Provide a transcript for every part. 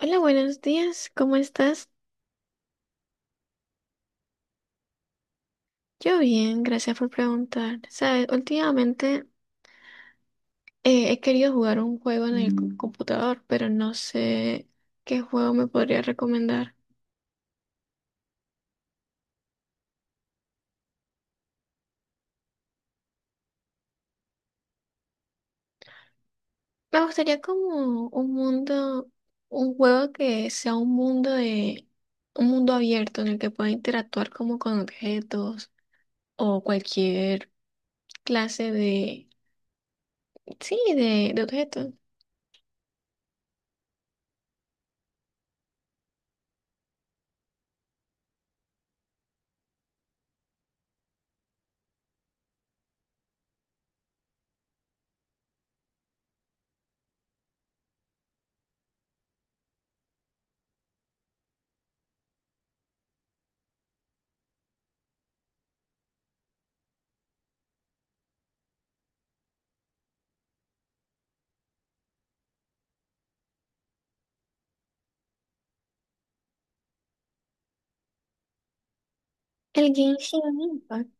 Hola, buenos días, ¿cómo estás? Yo bien, gracias por preguntar. Sabes, últimamente he querido jugar un juego en el computador, pero no sé qué juego me podría recomendar. Me gustaría como un mundo, un juego que sea un mundo de, un mundo abierto en el que pueda interactuar como con objetos o cualquier clase de, sí, de objetos. El Genshin Impact.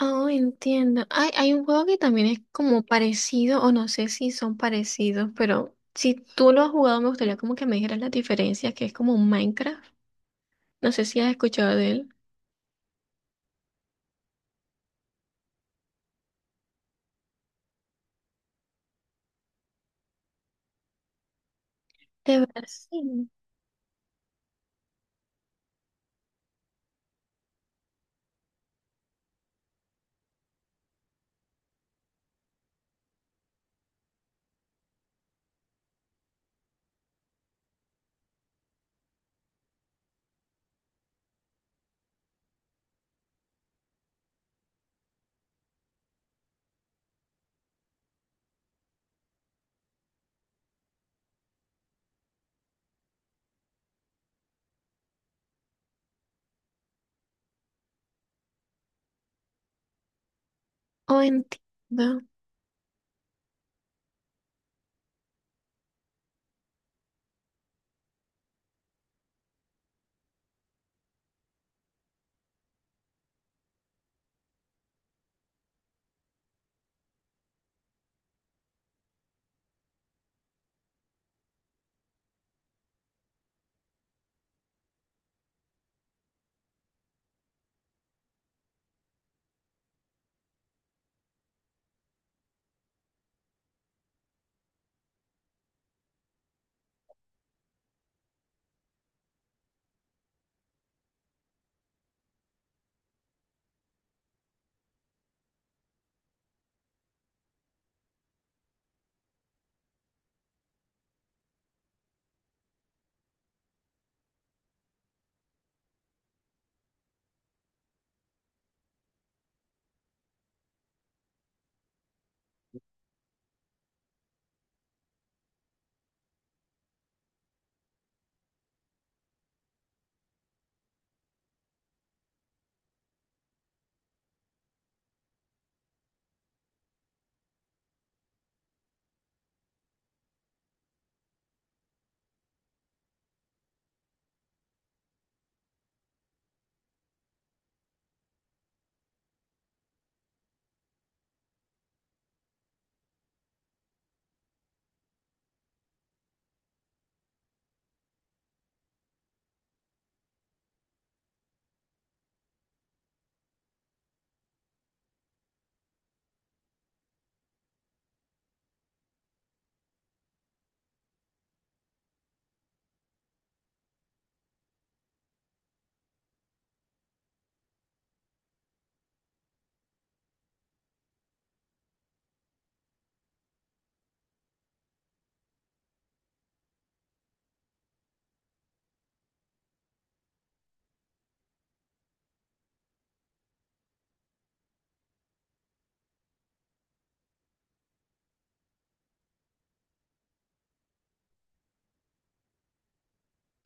Oh, entiendo. Hay un juego que también es como parecido, o no sé si son parecidos, pero si tú lo has jugado, me gustaría como que me dijeras las diferencias, que es como un Minecraft. No sé si has escuchado de él. De verdad, sí. Oh, entiendo.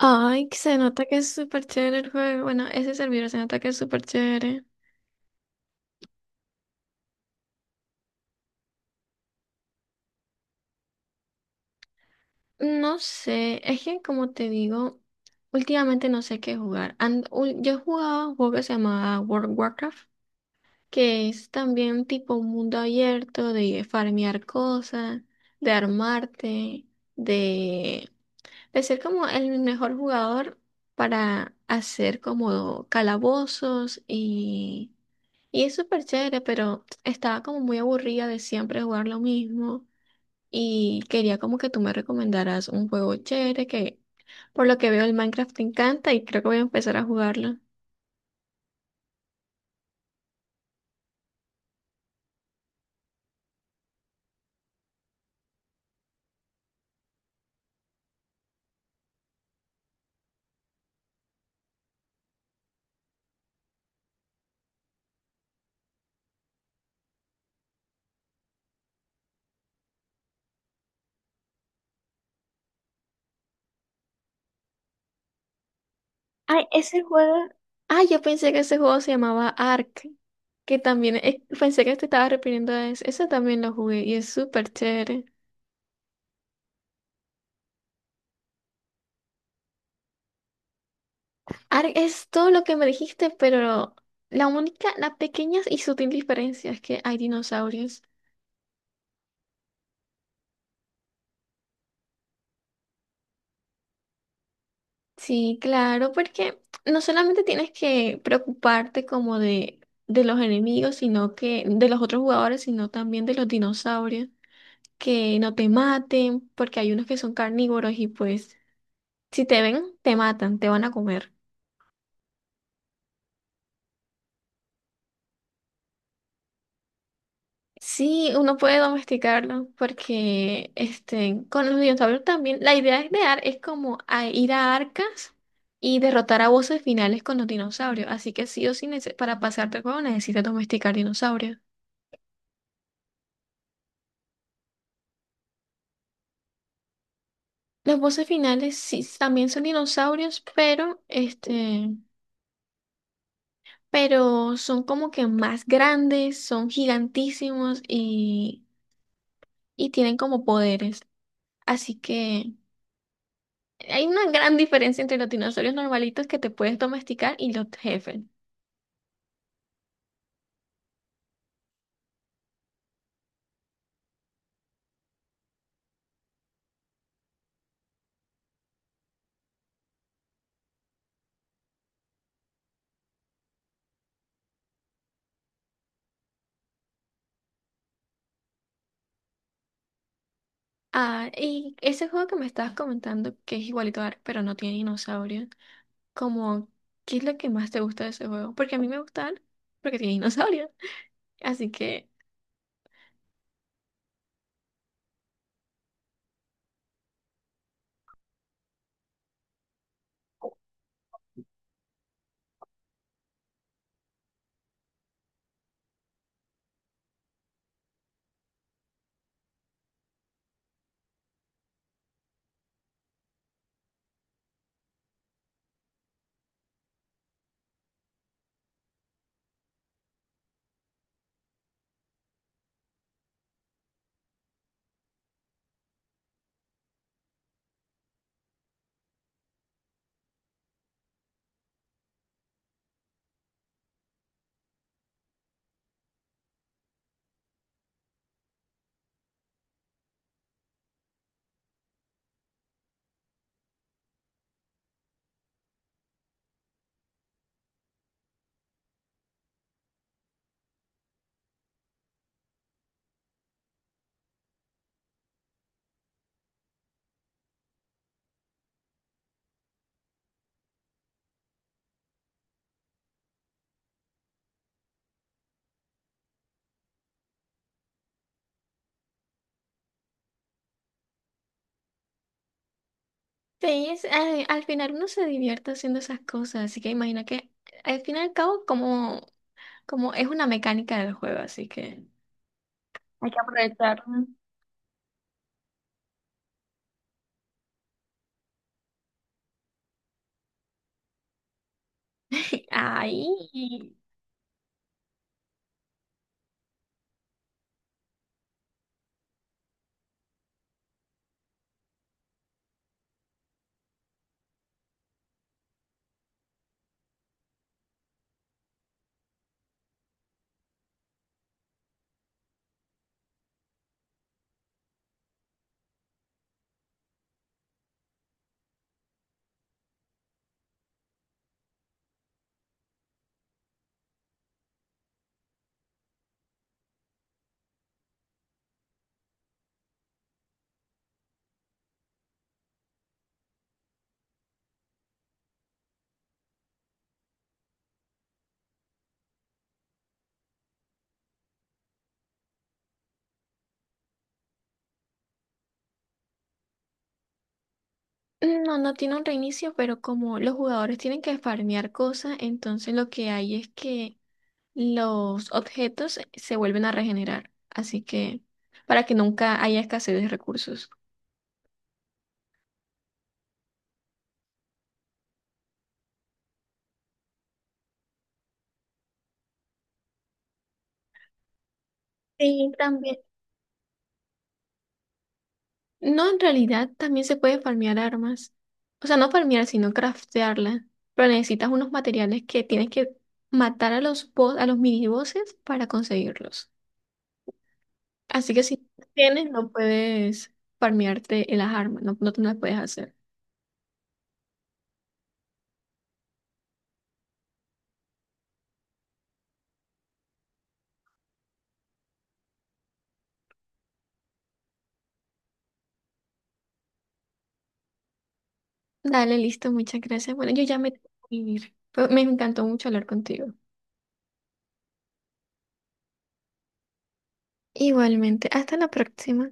Ay, que se nota que es súper chévere el juego. Bueno, ese servidor se nota que es súper chévere. No sé, es que como te digo, últimamente no sé qué jugar. Yo jugaba un juego que se llamaba World of Warcraft, que es también tipo un mundo abierto de farmear cosas, de armarte, de, de ser como el mejor jugador para hacer como calabozos y es súper chévere, pero estaba como muy aburrida de siempre jugar lo mismo y quería como que tú me recomendaras un juego chévere que, por lo que veo, el Minecraft te encanta y creo que voy a empezar a jugarlo. Ay, ese juego. Ay, yo pensé que ese juego se llamaba Ark. Que también. Pensé que te estaba refiriendo a ese. Ese también lo jugué y es súper chévere. Ark es todo lo que me dijiste, pero la única, la pequeña y sutil diferencia es que hay dinosaurios. Sí, claro, porque no solamente tienes que preocuparte como de los enemigos, sino que de los otros jugadores, sino también de los dinosaurios, que no te maten, porque hay unos que son carnívoros y pues. Si te ven, te matan, te van a comer. Sí, uno puede domesticarlo porque este, con los dinosaurios también la idea es de ar es como a ir a arcas y derrotar a voces finales con los dinosaurios. Así que sí o sí, para pasarte el juego necesitas domesticar dinosaurios. Los voces finales sí también son dinosaurios, pero este, pero son como que más grandes, son gigantísimos y tienen como poderes. Así que hay una gran diferencia entre los dinosaurios normalitos que te puedes domesticar y los jefes. Ah, y ese juego que me estabas comentando, que es igualito a Ark, pero no tiene dinosaurios, como, ¿qué es lo que más te gusta de ese juego? Porque a mí me gusta Ark, porque tiene dinosaurios. Así que, sí, al final uno se divierte haciendo esas cosas, así que imagina que, al fin y al cabo, como, como es una mecánica del juego, así que... Ay, claro. Ay. No, no tiene un reinicio, pero como los jugadores tienen que farmear cosas, entonces lo que hay es que los objetos se vuelven a regenerar. Así que para que nunca haya escasez de recursos. Sí, también. No, en realidad también se puede farmear armas. O sea, no farmear, sino craftearla. Pero necesitas unos materiales que tienes que matar a los boss, a los minibosses para conseguirlos. Así que si no tienes, no puedes farmearte en las armas, no, no te las puedes hacer. Dale, listo, muchas gracias. Bueno, yo ya me tengo que ir. Me encantó mucho hablar contigo. Igualmente, hasta la próxima.